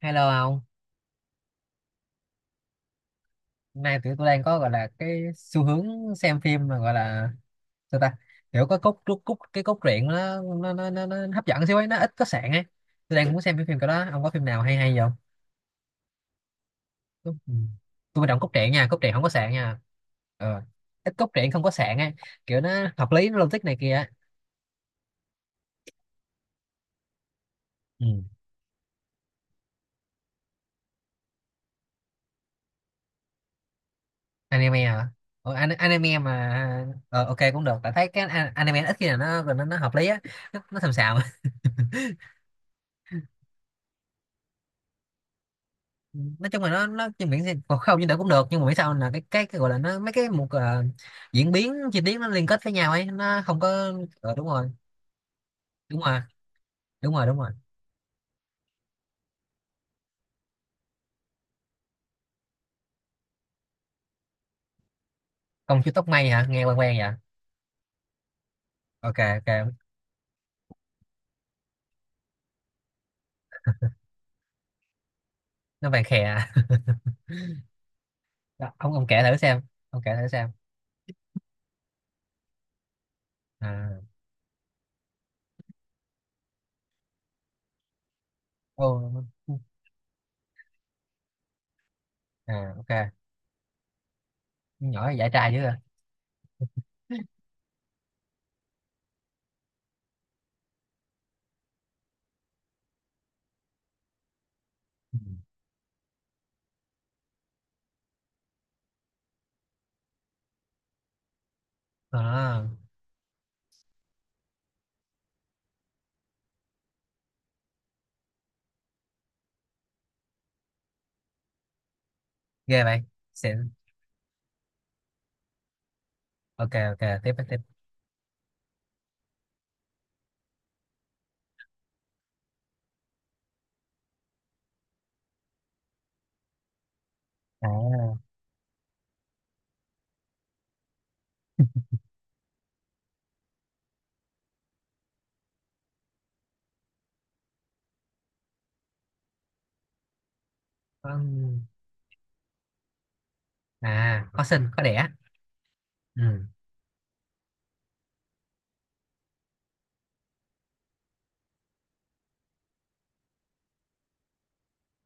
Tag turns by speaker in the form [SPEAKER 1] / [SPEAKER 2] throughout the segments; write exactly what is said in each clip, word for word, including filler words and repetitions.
[SPEAKER 1] Hello ông, hôm nay tụi tôi đang có gọi là cái xu hướng xem phim mà gọi là sao ta, kiểu có cốt cốt, cốt cái cốt truyện nó nó, nó nó nó hấp dẫn xíu ấy, nó ít có sạn ấy. Tôi đang muốn xem cái phim cái đó, ông có phim nào hay hay không? Tôi, ừ. Tôi quan trọng cốt truyện nha, cốt truyện không có sạn nha. Ờ, ít cốt truyện không có sạn ấy, kiểu nó hợp lý, nó logic này kia ấy. Ừ. Anime hả? Ờ, an- anime mà, ờ, ok cũng được, tại thấy cái an- anime ít khi nào nó nó, nó hợp lý á. Nó, nó xàm xàm. Nói chung là nó nó trên biển thì còn không, như đỡ cũng được, nhưng mà biết sao là cái cái, cái gọi là nó mấy cái một, ờ, diễn biến chi tiết nó liên kết với nhau ấy, nó không có. Ờ, đúng rồi, đúng rồi, đúng rồi, đúng rồi. Công chúa tóc mây hả, nghe quen quen vậy. Ok ok. Nó vàng khè à. Đó, ông ông kể thử xem, ông kể thử xem. À. Ô. À, ok. Con nhỏ này dạy trai dữ à. Ừ. À, ghê vậy. Xịn. Ok ok, tiếp tiếp. À, có-, à, có sinh có đẻ. Ừ,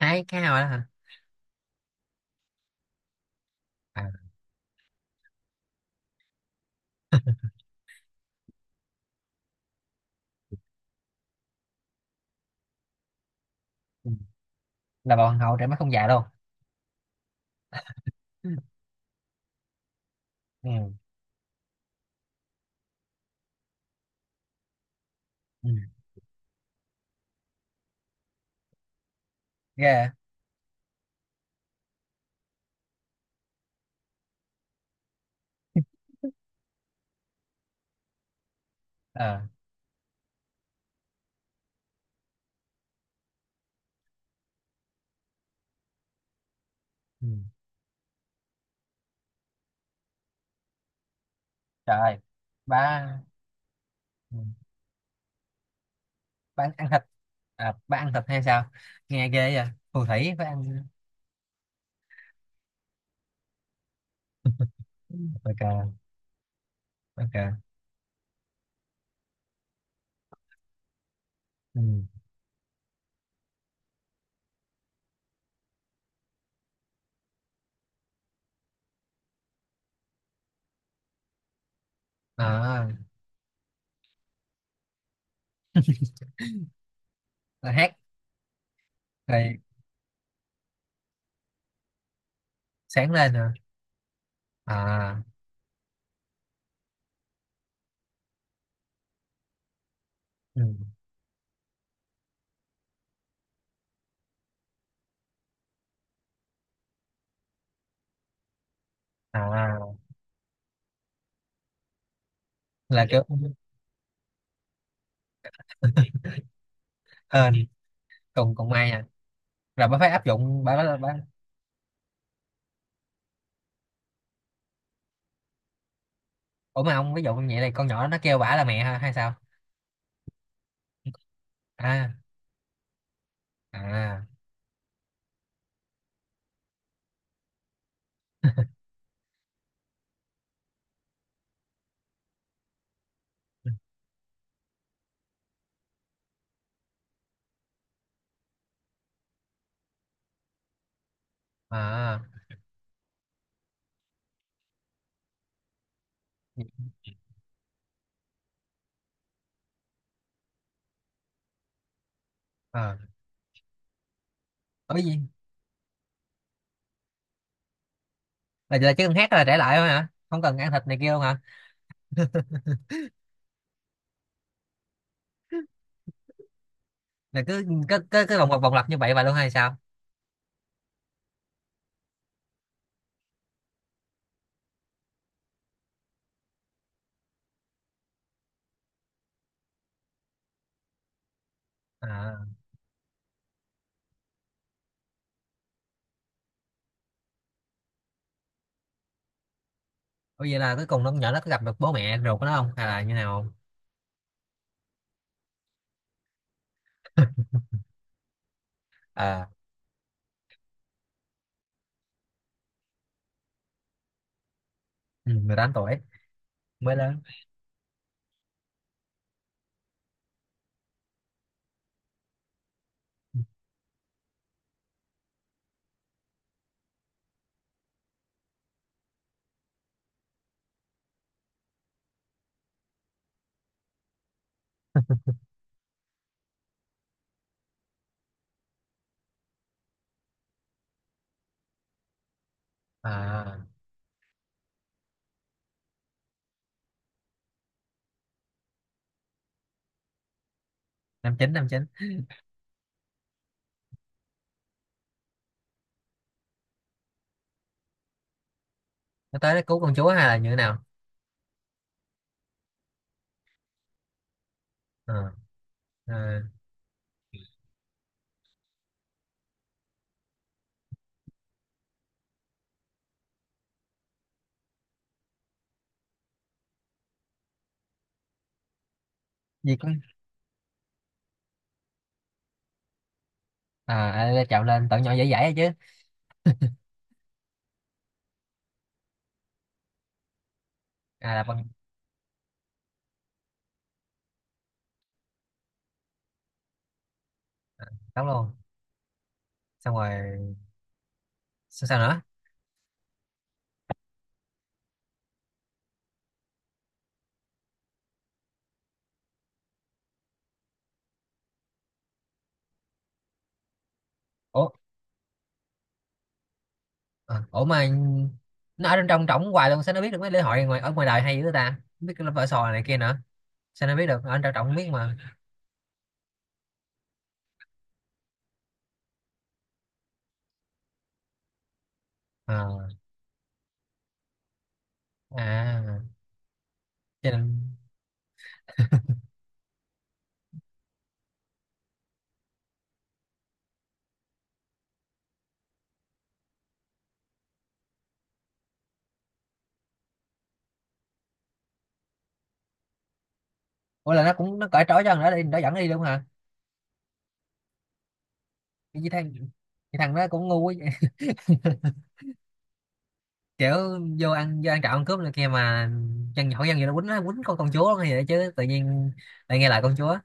[SPEAKER 1] hai cái nào đó hả. À. Ừ. Là bà hoàng hậu trẻ mắt không già đâu. Ừ. Ừ, ghê. Ờ. Ừ. Trời ơi. Bà. Ừ. Bà ăn thịt. À, bà ăn thịt hay sao, nghe ghê vậy, phù thủy phải ăn. Bà cờ. Bà cờ. Ừ. À, là hát. Rồi. Sáng lên nữa. À. Ừ. À, là kiểu. Ờ, cùng cùng may à. Rồi bà phải áp dụng bà, bà, bà. Ủa mà ông, ví dụ như vậy, này, con nhỏ nó kêu bả là mẹ ha hay sao? À. À. À. Ờ. À. là, là chỉ cần hát là trả lại thôi hả, không cần ăn thịt này kia luôn hả? Là cứ cứ cứ, cứ vòng lặp vòng lặp như vậy vậy luôn hay sao? À. Ủa, vậy là cuối cùng nó, con nhỏ nó có gặp được bố mẹ ruột của nó không, hay là như nào không? À. Ừ, mười tám tuổi, mới lớn. À, năm chín năm chín. Nó tới nó cứu con chúa hay là như thế nào? À. À. Gì cũng. À. À, chạm lên tận nhỏ dễ dãi ấy chứ. À, là bằng tóc luôn. Xong rồi sao, sao nữa? Ủa. À, ủa mà nó ở trong trong trỏng hoài luôn, sao nó biết được mấy lễ hội ngoài ở ngoài đời hay dữ ta, biết cái vở sò này kia nữa, sao nó biết được? Ờ, anh Trọng Trọng không biết mà. À. À, cho nên. Ủa, là nó cũng nó cởi trói cho thằng đó đi, nó dẫn đi luôn hả? Cái thằng cái thằng đó cũng ngu quá vậy. Kiểu vô ăn vô ăn trộm ăn cướp này kia mà, dân nhỏ dân gì, nó quýnh nó quýnh con con chúa hay vậy chứ, tự nhiên lại nghe lời con chúa.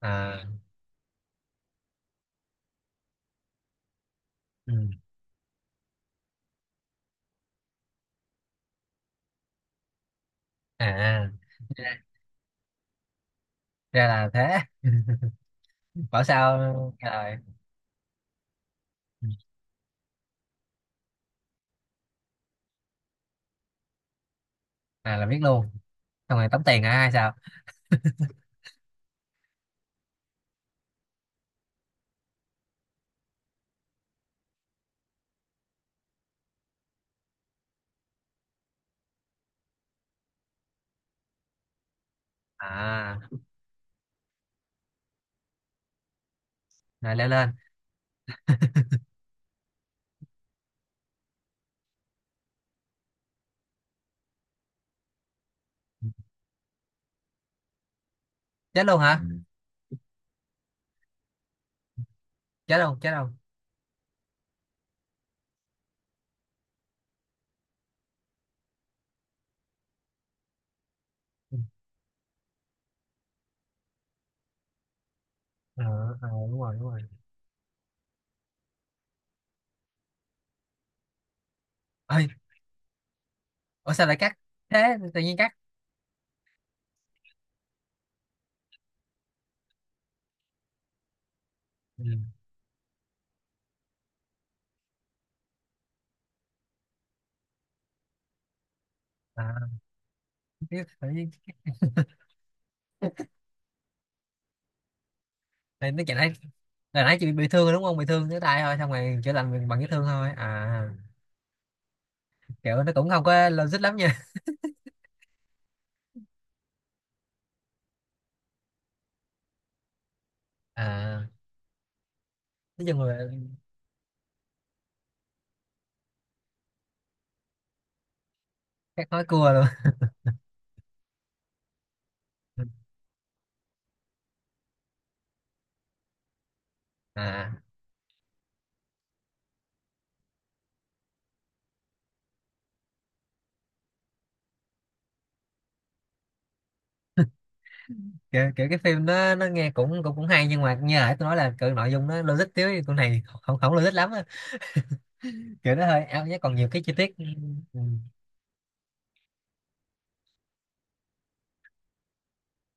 [SPEAKER 1] À. Ừ. À. À. ra, ra là thế. Bảo sao nghe lời. À, là biết luôn, xong rồi tống tiền hả hay sao? À, rồi leo lên. Chết luôn. Ừ. Hả, chết luôn, chết luôn. Ừ. Ờ. Ờ, đúng rồi, đúng rồi. Ê, ủa sao lại cắt, thế tự nhiên cắt. Ừ. À, biết tự nhiên. Này nó chạy nãy, là nãy chị bị, bị thương rồi đúng không, bị thương cái tay thôi, xong rồi chữa lành bằng bằng vết thương thôi à. Kiểu nó cũng không có logic lắm nha. À. Nói chung là cắt nói cua luôn. À, kiểu, kiểu cái phim nó nó nghe cũng cũng cũng hay, nhưng mà như nãy tôi nói là kiểu nội dung nó logic thiếu, thì con này không, không logic lắm á. Kiểu nó hơi ảo nhé, còn nhiều cái chi tiết. Ừ,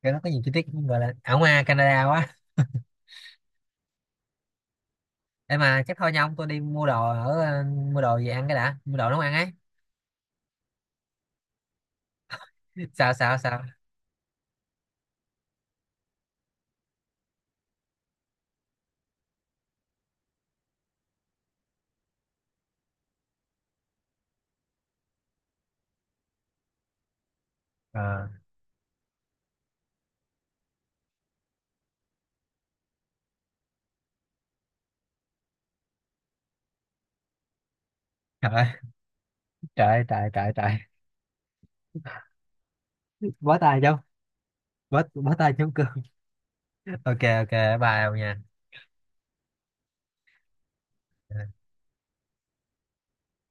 [SPEAKER 1] kiểu nó có nhiều chi tiết gọi là ảo ma Canada quá. Em mà chắc thôi nha ông, tôi đi mua đồ ở, ờ, mua đồ về ăn cái đã, mua đồ nấu ăn ấy. Sao sao sao. Ờ. Trời ơi. Trời ơi, trời trời trời. Bó tay chứ. Bó bó tay chống cương. Ok ok, bye ông nha. Ờ.